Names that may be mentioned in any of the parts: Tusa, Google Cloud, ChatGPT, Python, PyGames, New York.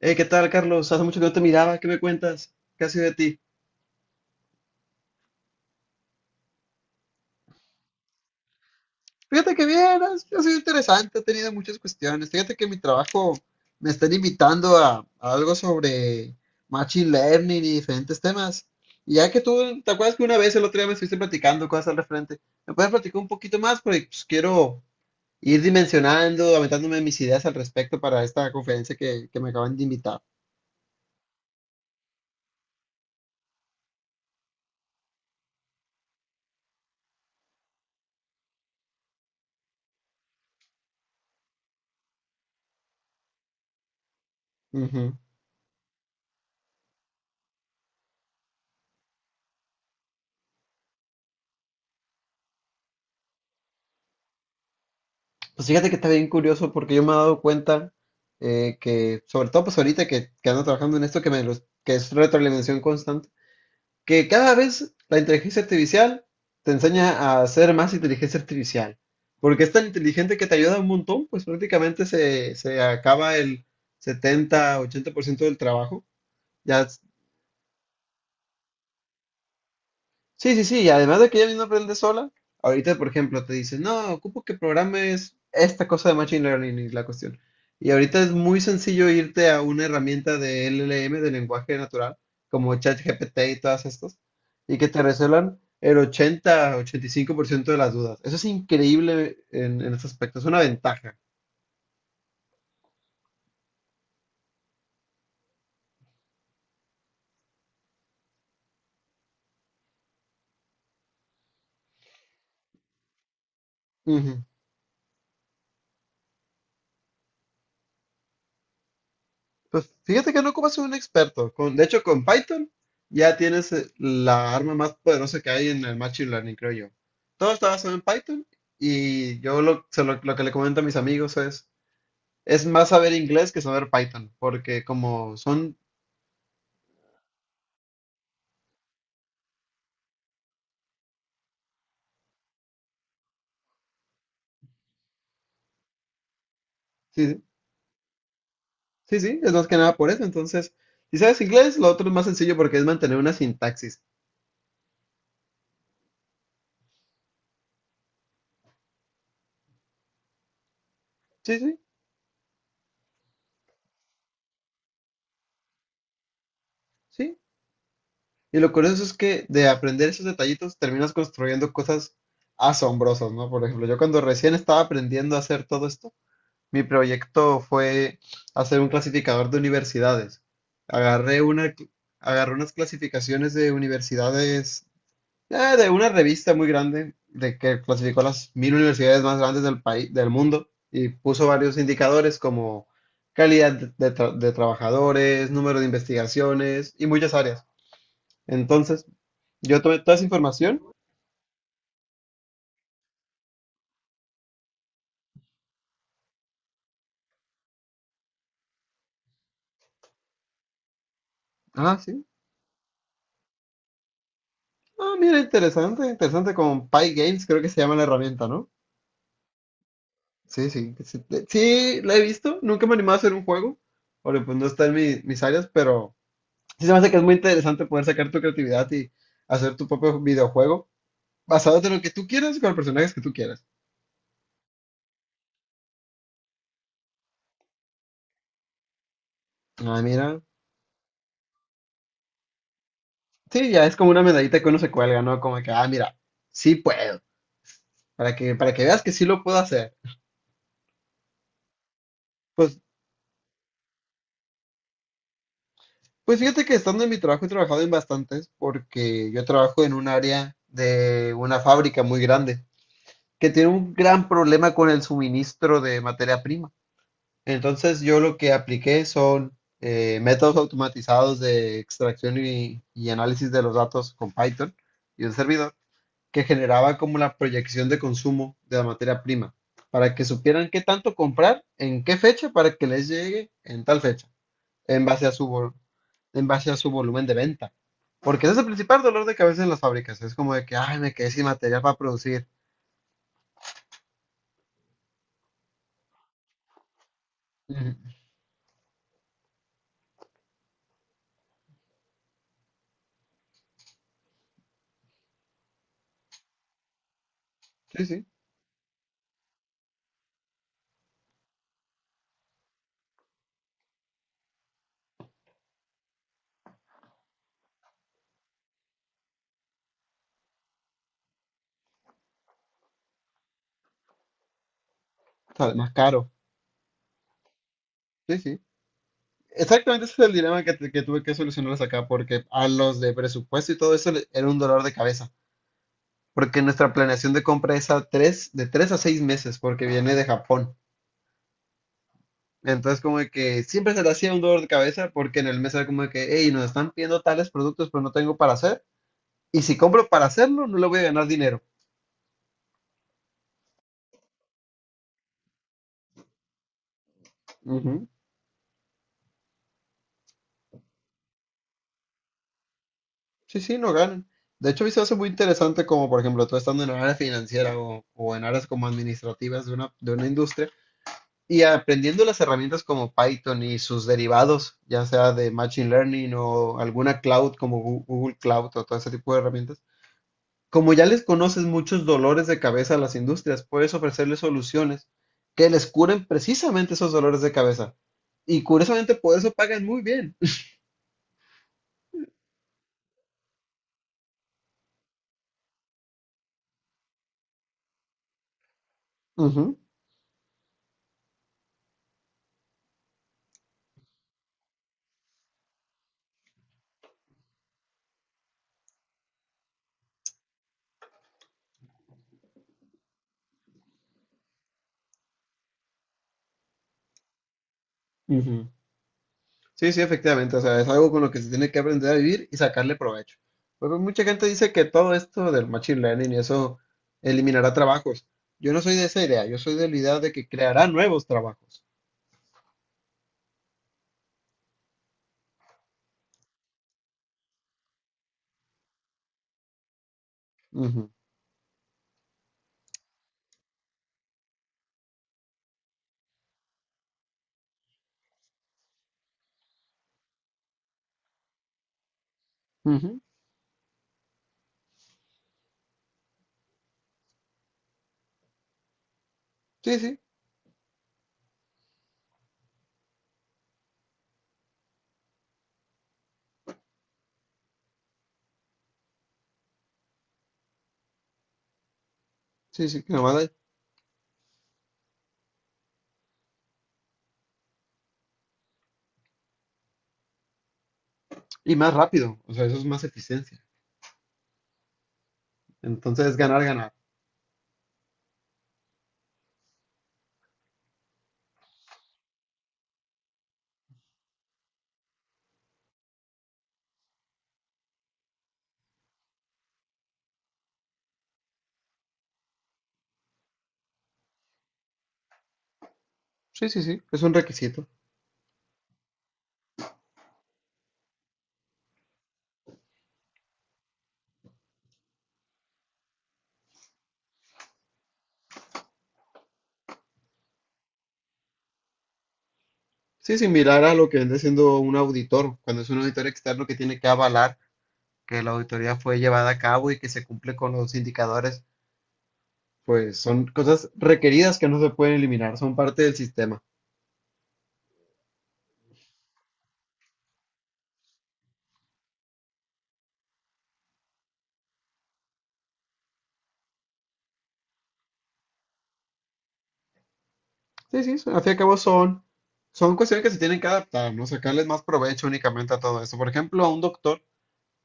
¿Qué tal, Carlos? Hace mucho que no te miraba. ¿Qué me cuentas? ¿Qué ha sido de ti? Fíjate que bien, ha sido interesante, he tenido muchas cuestiones. Fíjate que en mi trabajo me están invitando a algo sobre machine learning y diferentes temas. Y ya que tú, ¿te acuerdas que una vez el otro día me estuviste platicando cosas al referente? ¿Me puedes platicar un poquito más? Porque pues, quiero ir dimensionando, aventándome mis ideas al respecto para esta conferencia que me acaban de invitar. Pues fíjate que está bien curioso porque yo me he dado cuenta sobre todo pues ahorita que ando trabajando en esto, que es retroalimentación constante, que cada vez la inteligencia artificial te enseña a hacer más inteligencia artificial, porque es tan inteligente que te ayuda un montón, pues prácticamente se acaba el 70, 80% del trabajo, ya. Sí, sí, sí, y además de que ella misma aprende sola, ahorita, por ejemplo, te dice, no, ocupo que programes esta cosa de Machine Learning, y la cuestión. Y ahorita es muy sencillo irte a una herramienta de LLM, de lenguaje natural, como ChatGPT y todas estas, y que te resuelvan el 80, 85% de las dudas. Eso es increíble en este aspecto, es una ventaja. Ujú. Pues fíjate que no ocupas un experto. Con, de hecho, con Python ya tienes la arma más poderosa que hay en el Machine Learning, creo yo. Todo está basado en Python y yo lo, se lo que le comento a mis amigos es más saber inglés que saber Python, porque como son, sí, sí, sí, es más que nada por eso. Entonces, si sabes inglés, lo otro es más sencillo porque es mantener una sintaxis. Sí, sí, sí. Y lo curioso es que de aprender esos detallitos terminas construyendo cosas asombrosas, ¿no? Por ejemplo, yo cuando recién estaba aprendiendo a hacer todo esto, mi proyecto fue hacer un clasificador de universidades. Agarré una, cl- Agarré unas clasificaciones de universidades, de una revista muy grande, de que clasificó las 1000 universidades más grandes del país, del mundo, y puso varios indicadores como calidad de trabajadores, número de investigaciones y muchas áreas. Entonces, yo tomé toda esa información. Ah, sí. Ah, mira, interesante, interesante con PyGames, creo que se llama la herramienta, ¿no? Sí, sí, sí, sí, la he visto, nunca me he animado a hacer un juego, porque pues no está en mi- mis áreas, pero sí se me hace que es muy interesante poder sacar tu creatividad y hacer tu propio videojuego basado en lo que tú quieras y con los personajes que tú quieras. Ah, mira, sí, ya es como una medallita que uno se cuelga, ¿no? Como que, ah, mira, sí puedo, para que veas que sí lo puedo hacer. Pues, Pues fíjate que estando en mi trabajo he trabajado en bastantes porque yo trabajo en un área de una fábrica muy grande que tiene un gran problema con el suministro de materia prima. Entonces yo lo que apliqué son métodos automatizados de extracción y análisis de los datos con Python y un servidor que generaba como la proyección de consumo de la materia prima para que supieran qué tanto comprar, en qué fecha, para que les llegue en tal fecha en base a su vol- en base a su volumen de venta. Porque ese es el principal dolor de cabeza en las fábricas. Es como de que, ay, me quedé sin material para producir. Ujú. Sí, sí, sale más caro. Sí, sí. Exactamente ese es el dilema que tuve que solucionarles acá, porque a los de presupuesto y todo eso le- era un dolor de cabeza. Porque nuestra planeación de compra es de tres a seis meses, porque viene de Japón. Entonces, como de que siempre se le hacía un dolor de cabeza, porque en el mes era como de que, hey, nos están pidiendo tales productos, pero no tengo para hacer. Y si compro para hacerlo, no le voy a ganar dinero. Ujú. Sí, sí, no ganan. De hecho, a mí se me hace muy interesante como, por ejemplo, tú estando en área financiera o en áreas como administrativas de una industria y aprendiendo las herramientas como Python y sus derivados, ya sea de Machine Learning o alguna cloud como Google Cloud o todo ese tipo de herramientas. Como ya les conoces muchos dolores de cabeza a las industrias, puedes ofrecerles soluciones que les curen precisamente esos dolores de cabeza. Y curiosamente por eso pagan muy bien. Ujú. Sí, sí, efectivamente, o sea, es algo con lo que se tiene que aprender a vivir y sacarle provecho. Pues, mucha gente dice que todo esto del machine learning y eso eliminará trabajos. Yo no soy de esa idea, yo soy de la idea de que creará nuevos trabajos. Ujú, ujú. Sí, sí, sí, sí, que nomás hay- Y más rápido, o sea, eso es más eficiencia. Entonces, ganar, ganar. Sí, sí, sí, es un requisito. Sí, similar a lo que viene siendo un auditor, cuando es un auditor externo que tiene que avalar que la auditoría fue llevada a cabo y que se cumple con los indicadores pues son cosas requeridas que no se pueden eliminar, son parte del sistema. Sí, sí, al fin y al cabo son cuestiones que se tienen que adaptar, ¿no? Sacarles más provecho únicamente a todo eso. Por ejemplo, a un doctor,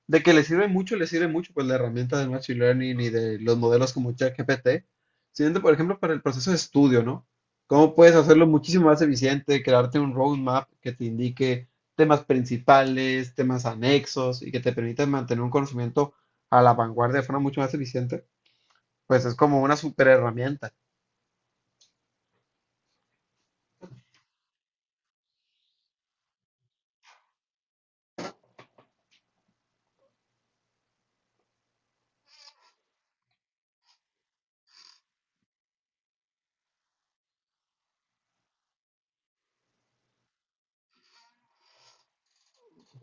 de que le sirve mucho, pues la herramienta del Machine Learning y de los modelos como ChatGPT, siguiente, por ejemplo, para el proceso de estudio, ¿no? ¿Cómo puedes hacerlo muchísimo más eficiente, crearte un roadmap que te indique temas principales, temas anexos y que te permita mantener un conocimiento a la vanguardia de forma mucho más eficiente? Pues es como una super herramienta.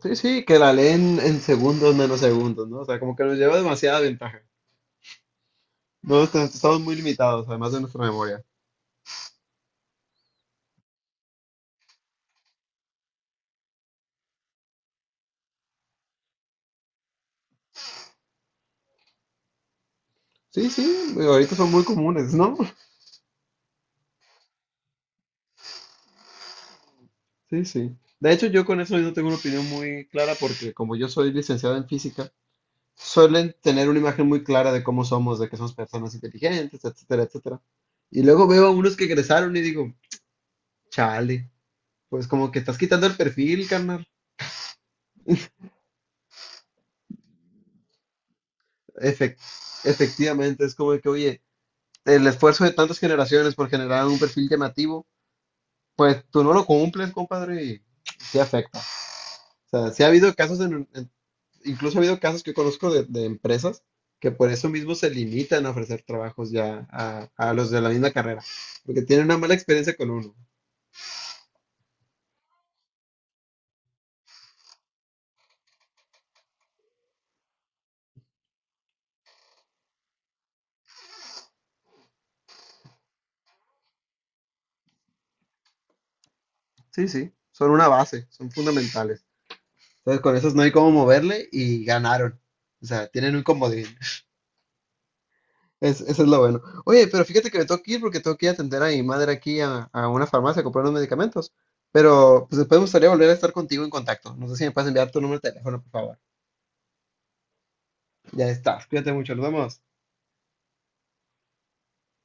Sí, sí, que la leen en segundos, menos segundos, ¿no? O sea, como que nos lleva demasiada ventaja. No, estamos muy limitados, además de nuestra memoria. Sí, sí, digo, ahorita son muy comunes, ¿no? Sí, sí. De hecho, yo con eso no tengo una opinión muy clara porque como yo soy licenciado en física, suelen tener una imagen muy clara de cómo somos, de que somos personas inteligentes, etcétera, etcétera. Y luego veo a unos que egresaron y digo, chale, pues como que estás quitando el perfil, carnal. Efec- Efectivamente, es como que, oye, el esfuerzo de tantas generaciones por generar un perfil llamativo, pues tú no lo cumples, compadre, y sí afecta. O sea, sí ha habido casos, incluso ha habido casos que conozco de empresas que por eso mismo se limitan a ofrecer trabajos ya a los de la misma carrera, porque tienen una mala experiencia con uno. Sí, sí, son una base, son fundamentales. Entonces con esos no hay cómo moverle y ganaron. O sea, tienen un comodín. Es, eso es lo bueno. Oye, pero fíjate que me tengo que ir porque tengo que ir a atender a mi madre aquí a una farmacia a comprar unos medicamentos. Pero pues después me gustaría volver a estar contigo en contacto. No sé si me puedes enviar tu número de teléfono, por favor. Ya está. Cuídate mucho. Nos vemos.